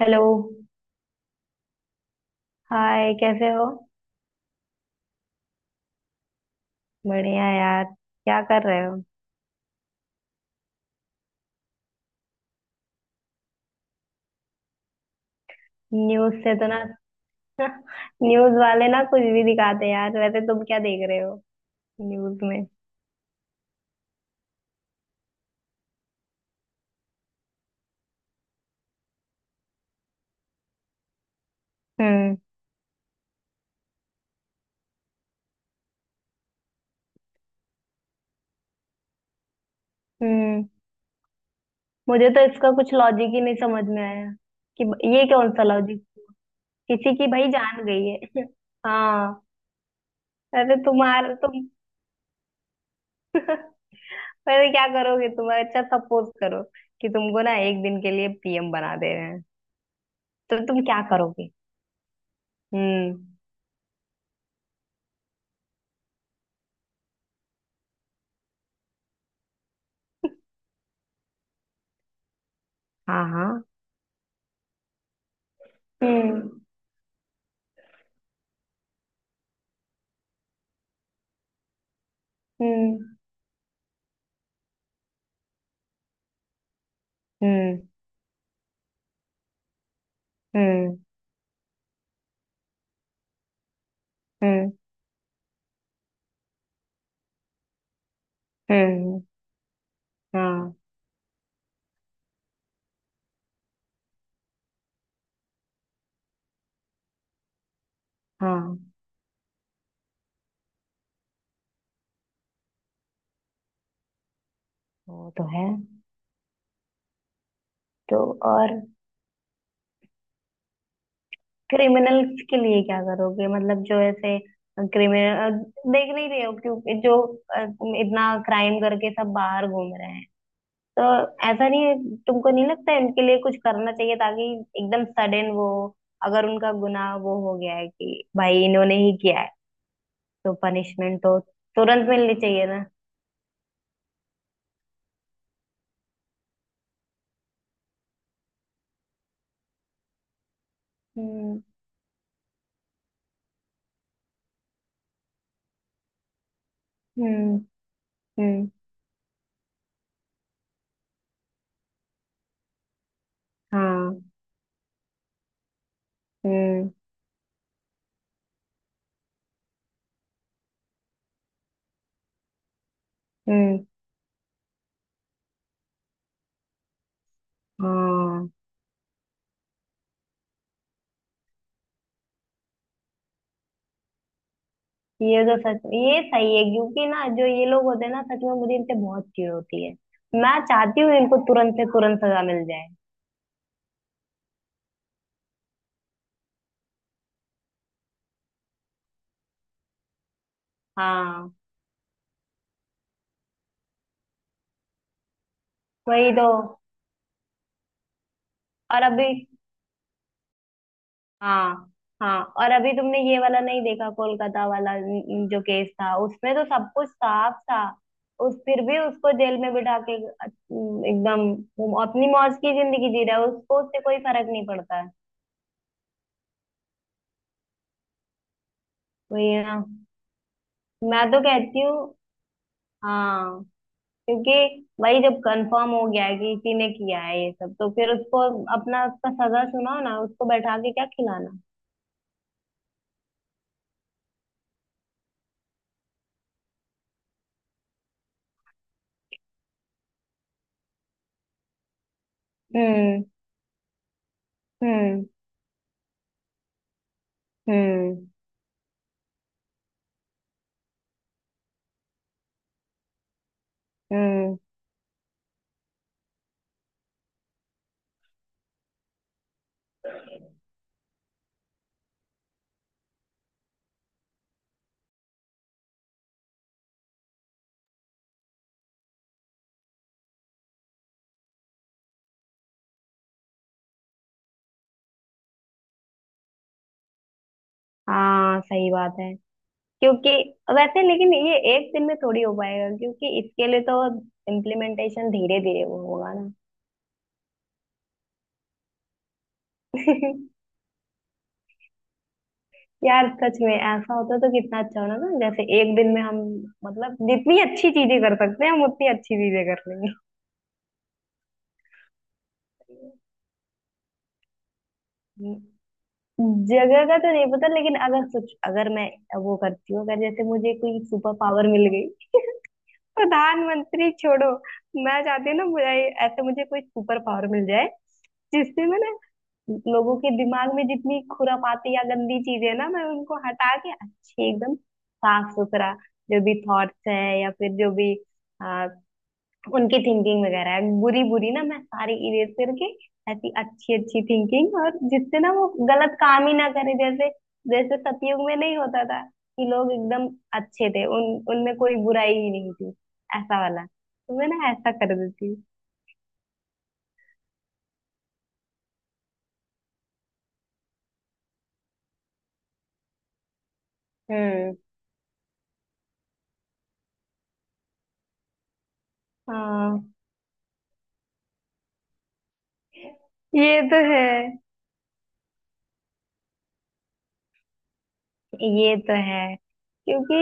Hello. Hi, कैसे हो? बढ़िया यार, क्या कर रहे हो? न्यूज़ से तो ना? न्यूज़ वाले ना कुछ भी दिखाते हैं यार। वैसे तुम क्या देख रहे हो न्यूज़ में? हम्म। हम्म। मुझे तो इसका कुछ लॉजिक ही नहीं समझ में आया कि ये कौन सा लॉजिक, किसी की भाई जान गई है। हाँ। वैसे तुम्हारा तुम वैसे क्या करोगे तुम? अच्छा, सपोज करो कि तुमको ना एक दिन के लिए पीएम बना दे रहे हैं, तो तुम क्या करोगे? हम्म। हाँ, हाँ। हम्म। हम्म। हम्म। हम्म। हम्म। हम्म, हाँ, हाँ। वो तो है। तो और क्रिमिनल्स के लिए क्या करोगे? मतलब जो ऐसे क्रिमिनल देख नहीं रहे हो, क्योंकि जो अ, इतना क्राइम करके सब बाहर घूम रहे हैं, तो ऐसा नहीं है? तुमको नहीं लगता इनके लिए कुछ करना चाहिए, ताकि एकदम सडन वो, अगर उनका गुनाह वो हो गया है कि भाई इन्होंने ही किया है, तो पनिशमेंट तो तुरंत मिलनी चाहिए ना? हम्म। हम्म। हम्म। हाँ। हम्म। हम्म। हाँ, ये तो सच ये सही है, क्योंकि ना जो ये लोग होते हैं ना, सच में मुझे इनसे बहुत चिढ़ होती है। मैं चाहती हूँ इनको तुरंत से तुरंत सजा मिल जाए। हाँ, वही तो। और अभी हाँ, हाँ, और अभी तुमने ये वाला नहीं देखा, कोलकाता वाला, जो केस था उसमें तो सब कुछ साफ था। उस फिर भी उसको जेल में बिठा के एकदम, वो अपनी मौज की जिंदगी जी रहा है, उसको उससे कोई फर्क नहीं पड़ता है। वही है ना। मैं तो कहती हूँ हाँ, क्योंकि भाई जब कंफर्म हो गया है कि इसी ने किया है ये सब, तो फिर उसको अपना उसका सगा सुनाओ ना, उसको बैठा के क्या खिलाना? हम्म। हम्म। हम्म। हम्म। हाँ, सही बात है। क्योंकि वैसे, लेकिन ये एक दिन में थोड़ी हो पाएगा, क्योंकि इसके लिए तो इम्प्लीमेंटेशन धीरे धीरे वो होगा ना। यार सच में ऐसा होता तो कितना अच्छा होना ना, जैसे एक दिन में हम, मतलब जितनी अच्छी चीजें कर सकते हैं हम उतनी अच्छी चीजें कर लेंगे। जगह का तो नहीं पता, लेकिन अगर मैं, वो करती हूँ अगर, जैसे मुझे कोई सुपर पावर मिल गई। प्रधानमंत्री छोड़ो। मैं चाहती हूँ ना मुझे, ऐसे मुझे कोई सुपर पावर मिल जाए जिससे मैं ना लोगों के दिमाग में जितनी खुरापाती या गंदी चीजें है ना, मैं उनको हटा के अच्छे, एकदम साफ सुथरा, जो भी थॉट्स हैं या फिर जो भी उनकी थिंकिंग वगैरह है बुरी बुरी ना, मैं सारी इरेज करके ऐसी अच्छी अच्छी थिंकिंग, और जिससे ना वो गलत काम ही ना करे। जैसे जैसे सतयुग में नहीं होता था कि लोग एकदम अच्छे थे, उन उनमें कोई बुराई ही नहीं थी। ऐसा वाला तो मैं ना ऐसा कर देती। हम्म। हाँ। ये तो है। ये तो है, क्योंकि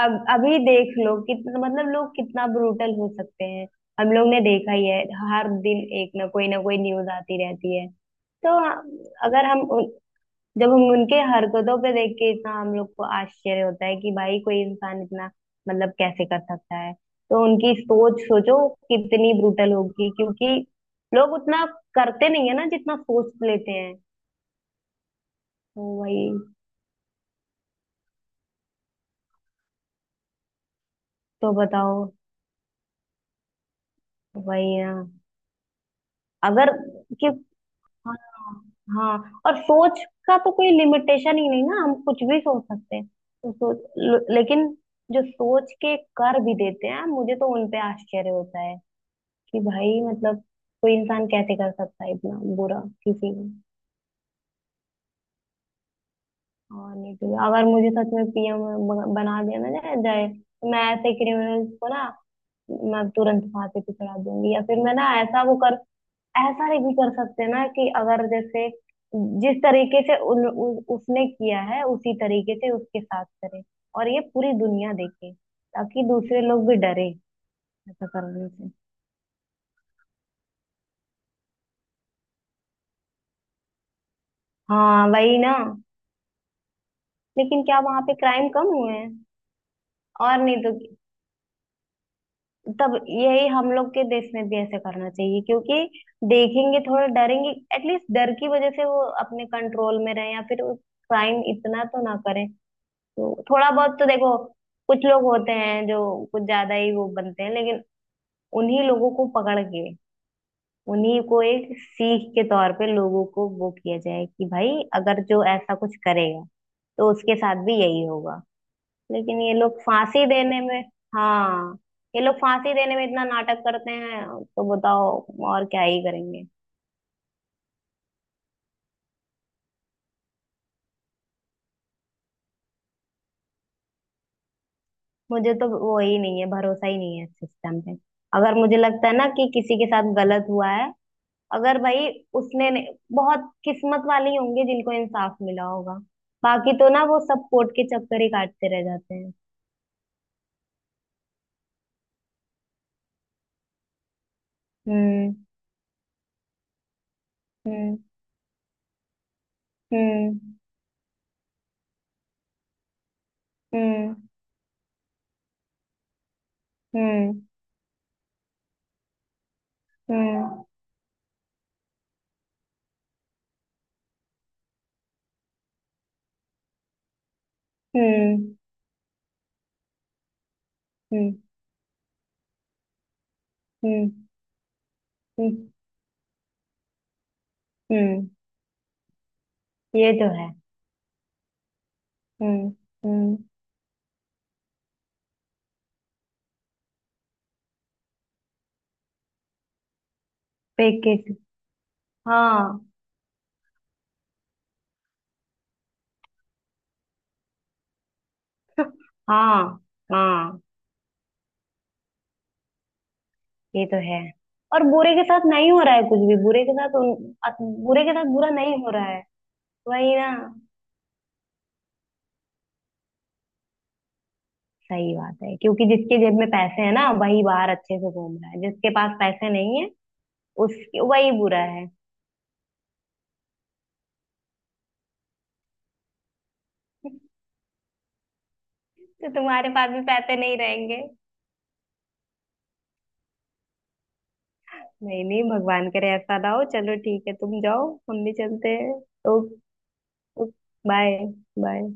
अब अभी देख लो कितना, मतलब लोग कितना ब्रूटल हो सकते हैं। हम लोग ने देखा ही है। हर दिन एक ना कोई न्यूज आती रहती है। तो हाँ, अगर हम उन- जब हम उनके हरकतों पे देख के इतना हम लोग को आश्चर्य होता है कि भाई कोई इंसान इतना, मतलब कैसे कर सकता है? तो उनकी सोच सोचो कितनी ब्रूटल होगी, क्योंकि लोग उतना करते नहीं है ना जितना सोच लेते हैं। तो वही। तो बताओ, वही ना। अगर, क्यों, हाँ, हाँ, और सोच का तो कोई लिमिटेशन ही नहीं ना, हम कुछ भी सोच सकते हैं। तो लेकिन जो सोच के कर भी देते हैं, मुझे तो उनपे आश्चर्य होता है कि भाई मतलब कोई इंसान कैसे कर सकता है इतना बुरा किसी को? और नहीं तो, अगर मुझे सच में पीएम बना दिया ना जाए जाए तो मैं ऐसे क्रिमिनल्स को ना, मैं तुरंत फांसी पे चढ़ा दूंगी, या फिर मैं ना ऐसा, वो, ऐसा नहीं भी कर सकते ना कि अगर जैसे जिस तरीके से उसने किया है उसी तरीके से उसके साथ करें, और ये पूरी दुनिया देखे, ताकि दूसरे लोग भी डरे ऐसा करने से। हाँ, वही ना। लेकिन क्या वहां पे क्राइम कम हुए हैं? और नहीं तो, तब यही हम लोग के देश में भी ऐसे करना चाहिए, क्योंकि देखेंगे, थोड़ा डरेंगे, एटलीस्ट डर की वजह से वो अपने कंट्रोल में रहे, या फिर क्राइम इतना तो ना करें। तो थोड़ा बहुत तो देखो, कुछ लोग होते हैं जो कुछ ज्यादा ही वो बनते हैं, लेकिन उन्हीं लोगों को पकड़ के उन्हीं को एक सीख के तौर पे लोगों को वो किया जाए कि भाई अगर जो ऐसा कुछ करेगा तो उसके साथ भी यही होगा। लेकिन ये लोग फांसी देने में हाँ, ये लोग फांसी देने में इतना नाटक करते हैं, तो बताओ और क्या ही करेंगे? मुझे तो वो ही नहीं है, भरोसा ही नहीं है सिस्टम पे। अगर मुझे लगता है ना कि किसी के साथ गलत हुआ है, अगर भाई उसने नहीं- बहुत किस्मत वाले ही होंगे जिनको इंसाफ मिला होगा, बाकी तो ना वो सब कोर्ट के चक्कर ही काटते रह जाते हैं। हम्म। हम्म। हम्म। हम्म। हम्म। हम्म। हम्म। हम्म। हम्म। हम्म। हम्म। ये तो है। हम्म। हम्म। पैकेट। हाँ। हाँ। हाँ, ये तो है। और बुरे के साथ नहीं हो रहा है कुछ भी, बुरे के साथ बुरे के साथ बुरा नहीं हो रहा है। वही ना। सही बात है, क्योंकि जिसके जेब में पैसे हैं ना वही बाहर अच्छे से घूम रहा है, जिसके पास पैसे नहीं है उस वही बुरा है। तो तुम्हारे पास भी पैसे नहीं रहेंगे। नहीं, नहीं, भगवान करे ऐसा ना हो। चलो ठीक है, तुम जाओ, हम भी चलते हैं। ओके। बाय। बाय।